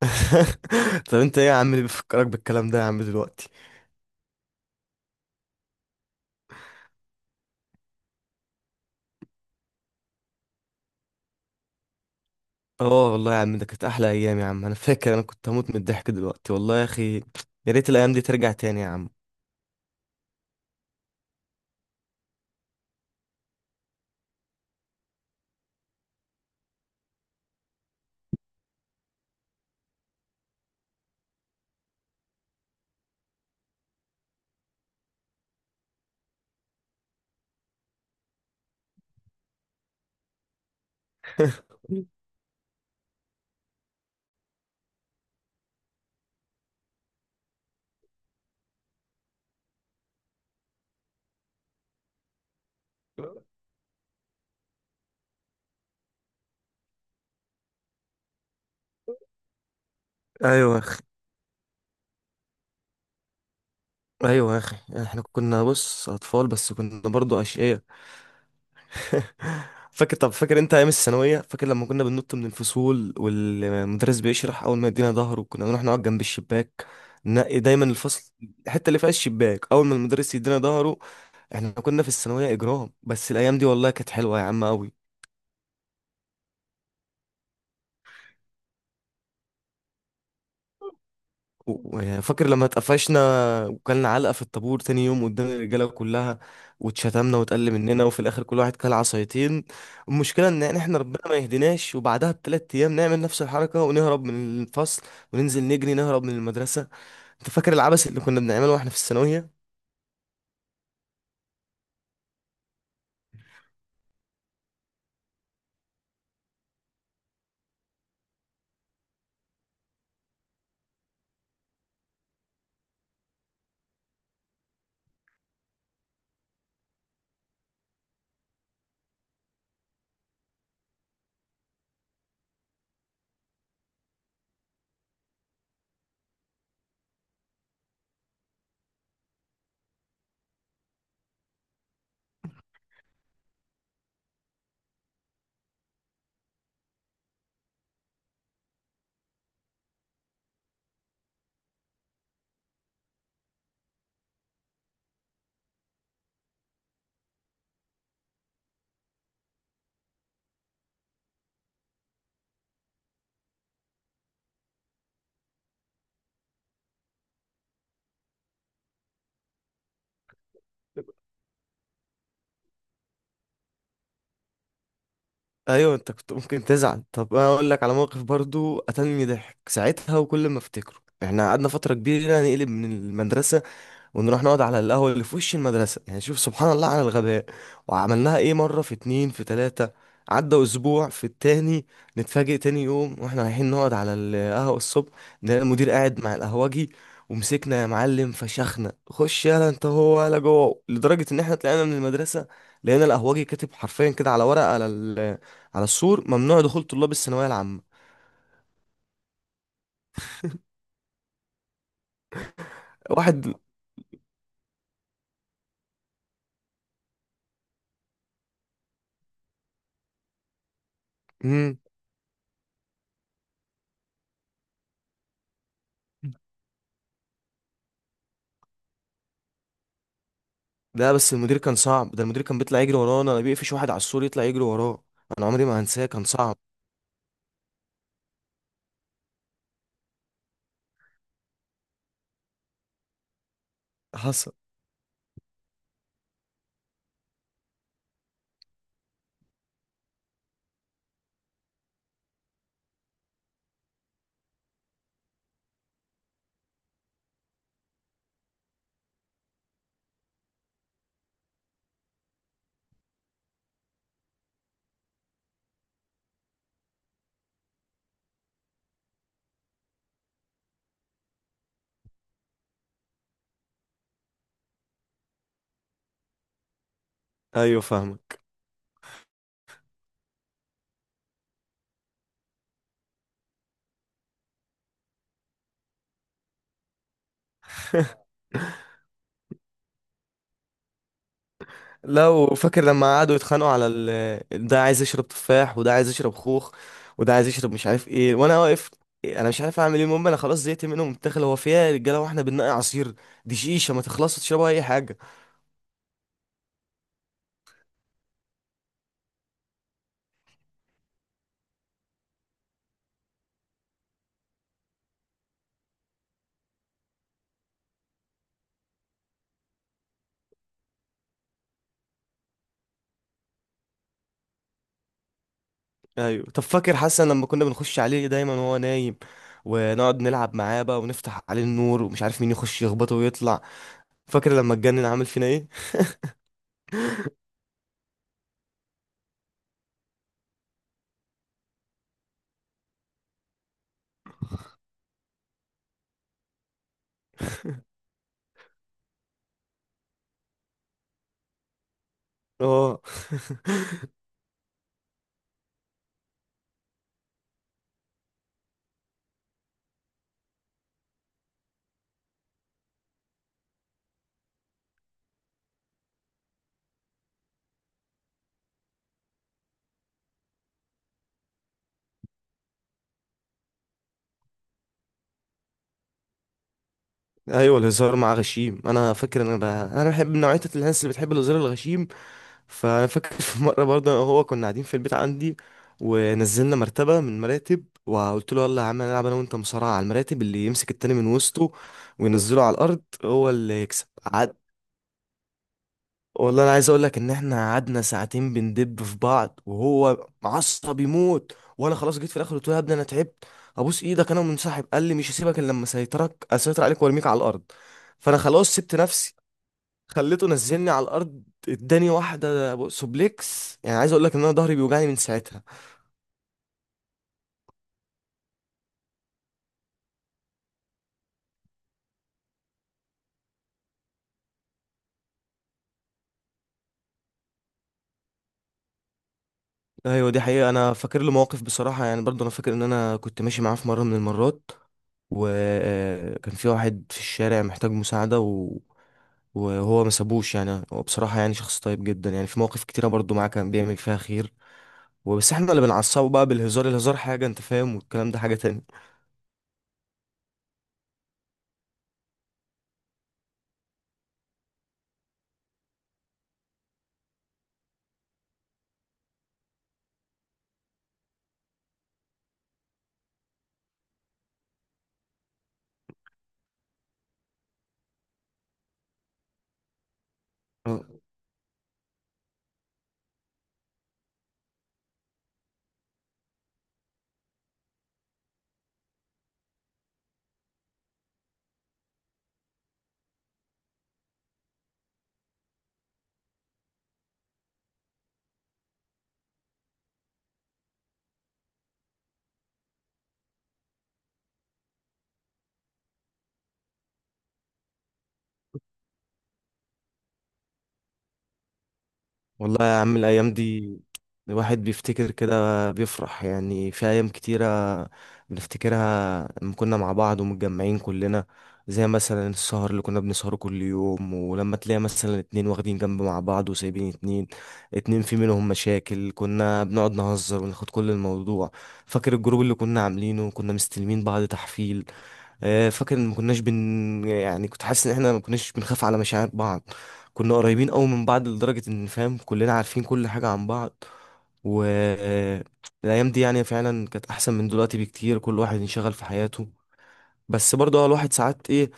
طب انت ايه يا عم اللي بيفكرك بالكلام ده يا عم دلوقتي؟ اه والله يا عم، ده كانت احلى ايام يا عم. انا فاكر انا كنت هموت من الضحك دلوقتي والله يا اخي. يا ريت الايام دي ترجع تاني يا عم. ايوه يا اخي. ايوه يا اخي، احنا كنا بص اطفال بس كنا برضو اشقياء. فاكر؟ طب فاكر انت ايام الثانويه؟ فاكر لما كنا بننط من الفصول والمدرس بيشرح اول ما يدينا ظهره، كنا بنروح نقعد جنب الشباك. ننقي دايما الفصل الحته اللي فيها الشباك اول ما المدرس يدينا ظهره. احنا كنا في الثانوية إجرام، بس الأيام دي والله كانت حلوة يا عم أوي. فاكر لما اتقفشنا وكلنا علقة في الطابور تاني يوم قدام الرجالة كلها، واتشتمنا واتقل مننا وفي الآخر كل واحد كل عصايتين. المشكلة إن يعني إحنا ربنا ما يهديناش، وبعدها بتلات أيام نعمل نفس الحركة ونهرب من الفصل وننزل نجري نهرب من المدرسة. أنت فاكر العبث اللي كنا بنعمله وإحنا في الثانوية؟ أيوه أنت كنت ممكن تزعل. طب أنا أقول لك على موقف برضو قتلني ضحك ساعتها وكل ما أفتكره. إحنا قعدنا فترة كبيرة نقلب من المدرسة، ونروح نقعد على القهوة اللي في وش المدرسة، يعني شوف سبحان الله على الغباء. وعملناها ايه مرة، في اتنين، في تلاتة، عدى أسبوع في التاني، نتفاجئ تاني يوم واحنا رايحين نقعد على القهوة الصبح، نلاقي المدير قاعد مع القهوجي ومسكنا يا معلم فشخنا. خش يلا انت هو ولا جوه، لدرجة ان احنا طلعنا من المدرسة لقينا القهوجي كاتب حرفيا كده على ورقة على على السور: ممنوع دخول طلاب الثانوية العامة. واحد. مم. ده بس المدير كان صعب. ده المدير كان بيطلع يجري ورانا، انا بيقفش واحد على السور يطلع يجري وراه. انا عمري ما هنساه، كان صعب. حصل. ايوه فاهمك. لو فاكر لما قعدوا يتخانقوا على ده عايز يشرب تفاح، وده عايز يشرب خوخ، وده عايز يشرب مش عارف ايه، وانا واقف انا مش عارف اعمل ايه. المهم انا خلاص زهقت منهم، الداخل هو فيها يا رجاله، واحنا بننقي عصير. دي شيشه ما تخلصش، تشربوا اي حاجه. ايوه طب فاكر حسن لما كنا بنخش عليه دايما وهو نايم، ونقعد نلعب معاه بقى ونفتح عليه النور، ومش عارف مين يخش يخبطه ويطلع. فاكر لما اتجنن عامل فينا ايه؟ اه. ايوه الهزار مع غشيم. انا فاكر ان انا بحب نوعيه الناس اللي بتحب الهزار الغشيم. فانا فاكر في مره برضه انا وهو كنا قاعدين في البيت عندي، ونزلنا مرتبه من مراتب وقلت له: يلا يا عم هنلعب انا وانت مصارعه على المراتب، اللي يمسك التاني من وسطه وينزله على الارض هو اللي يكسب. والله انا عايز اقول لك ان احنا قعدنا ساعتين بندب في بعض وهو معصب يموت، وانا خلاص جيت في الاخر قلت له: يا ابني انا تعبت، ابوس ايدك انا منسحب. قال لي: مش هسيبك الا لما اسيطر عليك وارميك على الارض. فانا خلاص سبت نفسي، خليته نزلني على الارض، اداني واحده سوبليكس. يعني عايز اقول لك ان انا ظهري بيوجعني من ساعتها. ايوه دي حقيقة. انا فاكر له مواقف بصراحة، يعني برضو انا فاكر ان انا كنت ماشي معاه في مرة من المرات، وكان في واحد في الشارع محتاج مساعدة وهو ما سابوش. يعني هو بصراحة يعني شخص طيب جدا، يعني في مواقف كتيرة برضو معاه كان بيعمل فيها خير. وبس احنا اللي بنعصبه بقى بالهزار، الهزار حاجة انت فاهم، والكلام ده حاجة تانية. والله يا عم الأيام دي، الواحد بيفتكر كده بيفرح. يعني في أيام كتيرة بنفتكرها لما كنا مع بعض ومتجمعين كلنا، زي مثلا السهر اللي كنا بنسهره كل يوم، ولما تلاقي مثلا اتنين واخدين جنب مع بعض وسايبين اتنين، اتنين في منهم مشاكل كنا بنقعد نهزر وناخد كل الموضوع. فاكر الجروب اللي كنا عاملينه؟ كنا مستلمين بعض تحفيل. آه، فاكر ان ما كناش يعني كنت حاسس ان احنا ما كناش بنخاف على مشاعر بعض. كنا قريبين قوي من بعض لدرجة ان فاهم كلنا عارفين كل حاجة عن بعض. و آه، الايام دي يعني فعلا كانت احسن من دلوقتي بكتير، كل واحد انشغل في حياته. بس برضه الواحد ساعات ايه،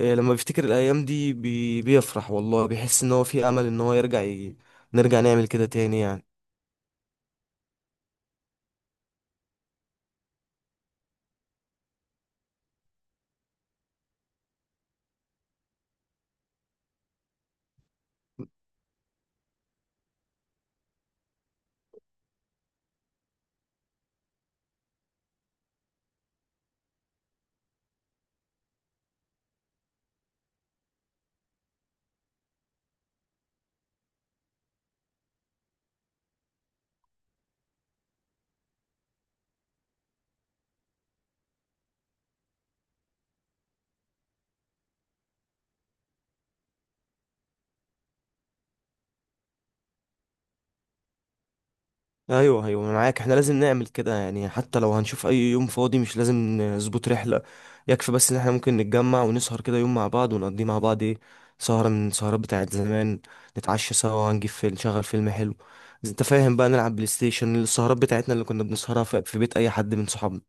آه، لما بيفتكر الايام دي بيفرح والله، بيحس ان هو في امل ان هو نرجع نعمل كده تاني يعني. ايوه ايوه أنا معاك، احنا لازم نعمل كده يعني. حتى لو هنشوف اي يوم فاضي مش لازم نظبط رحله، يكفي بس ان احنا ممكن نتجمع ونسهر كده يوم مع بعض ونقضي مع بعض ايه، سهره من السهرات بتاعت زمان. نتعشى سوا ونجيب فيلم، نشغل فيلم حلو، إذا انت فاهم بقى، نلعب بلاي ستيشن السهرات بتاعتنا اللي كنا بنسهرها في في بيت اي حد من صحابنا.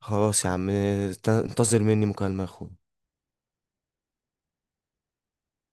خلاص يا عم، انتظر مني مكالمه يا اخويا.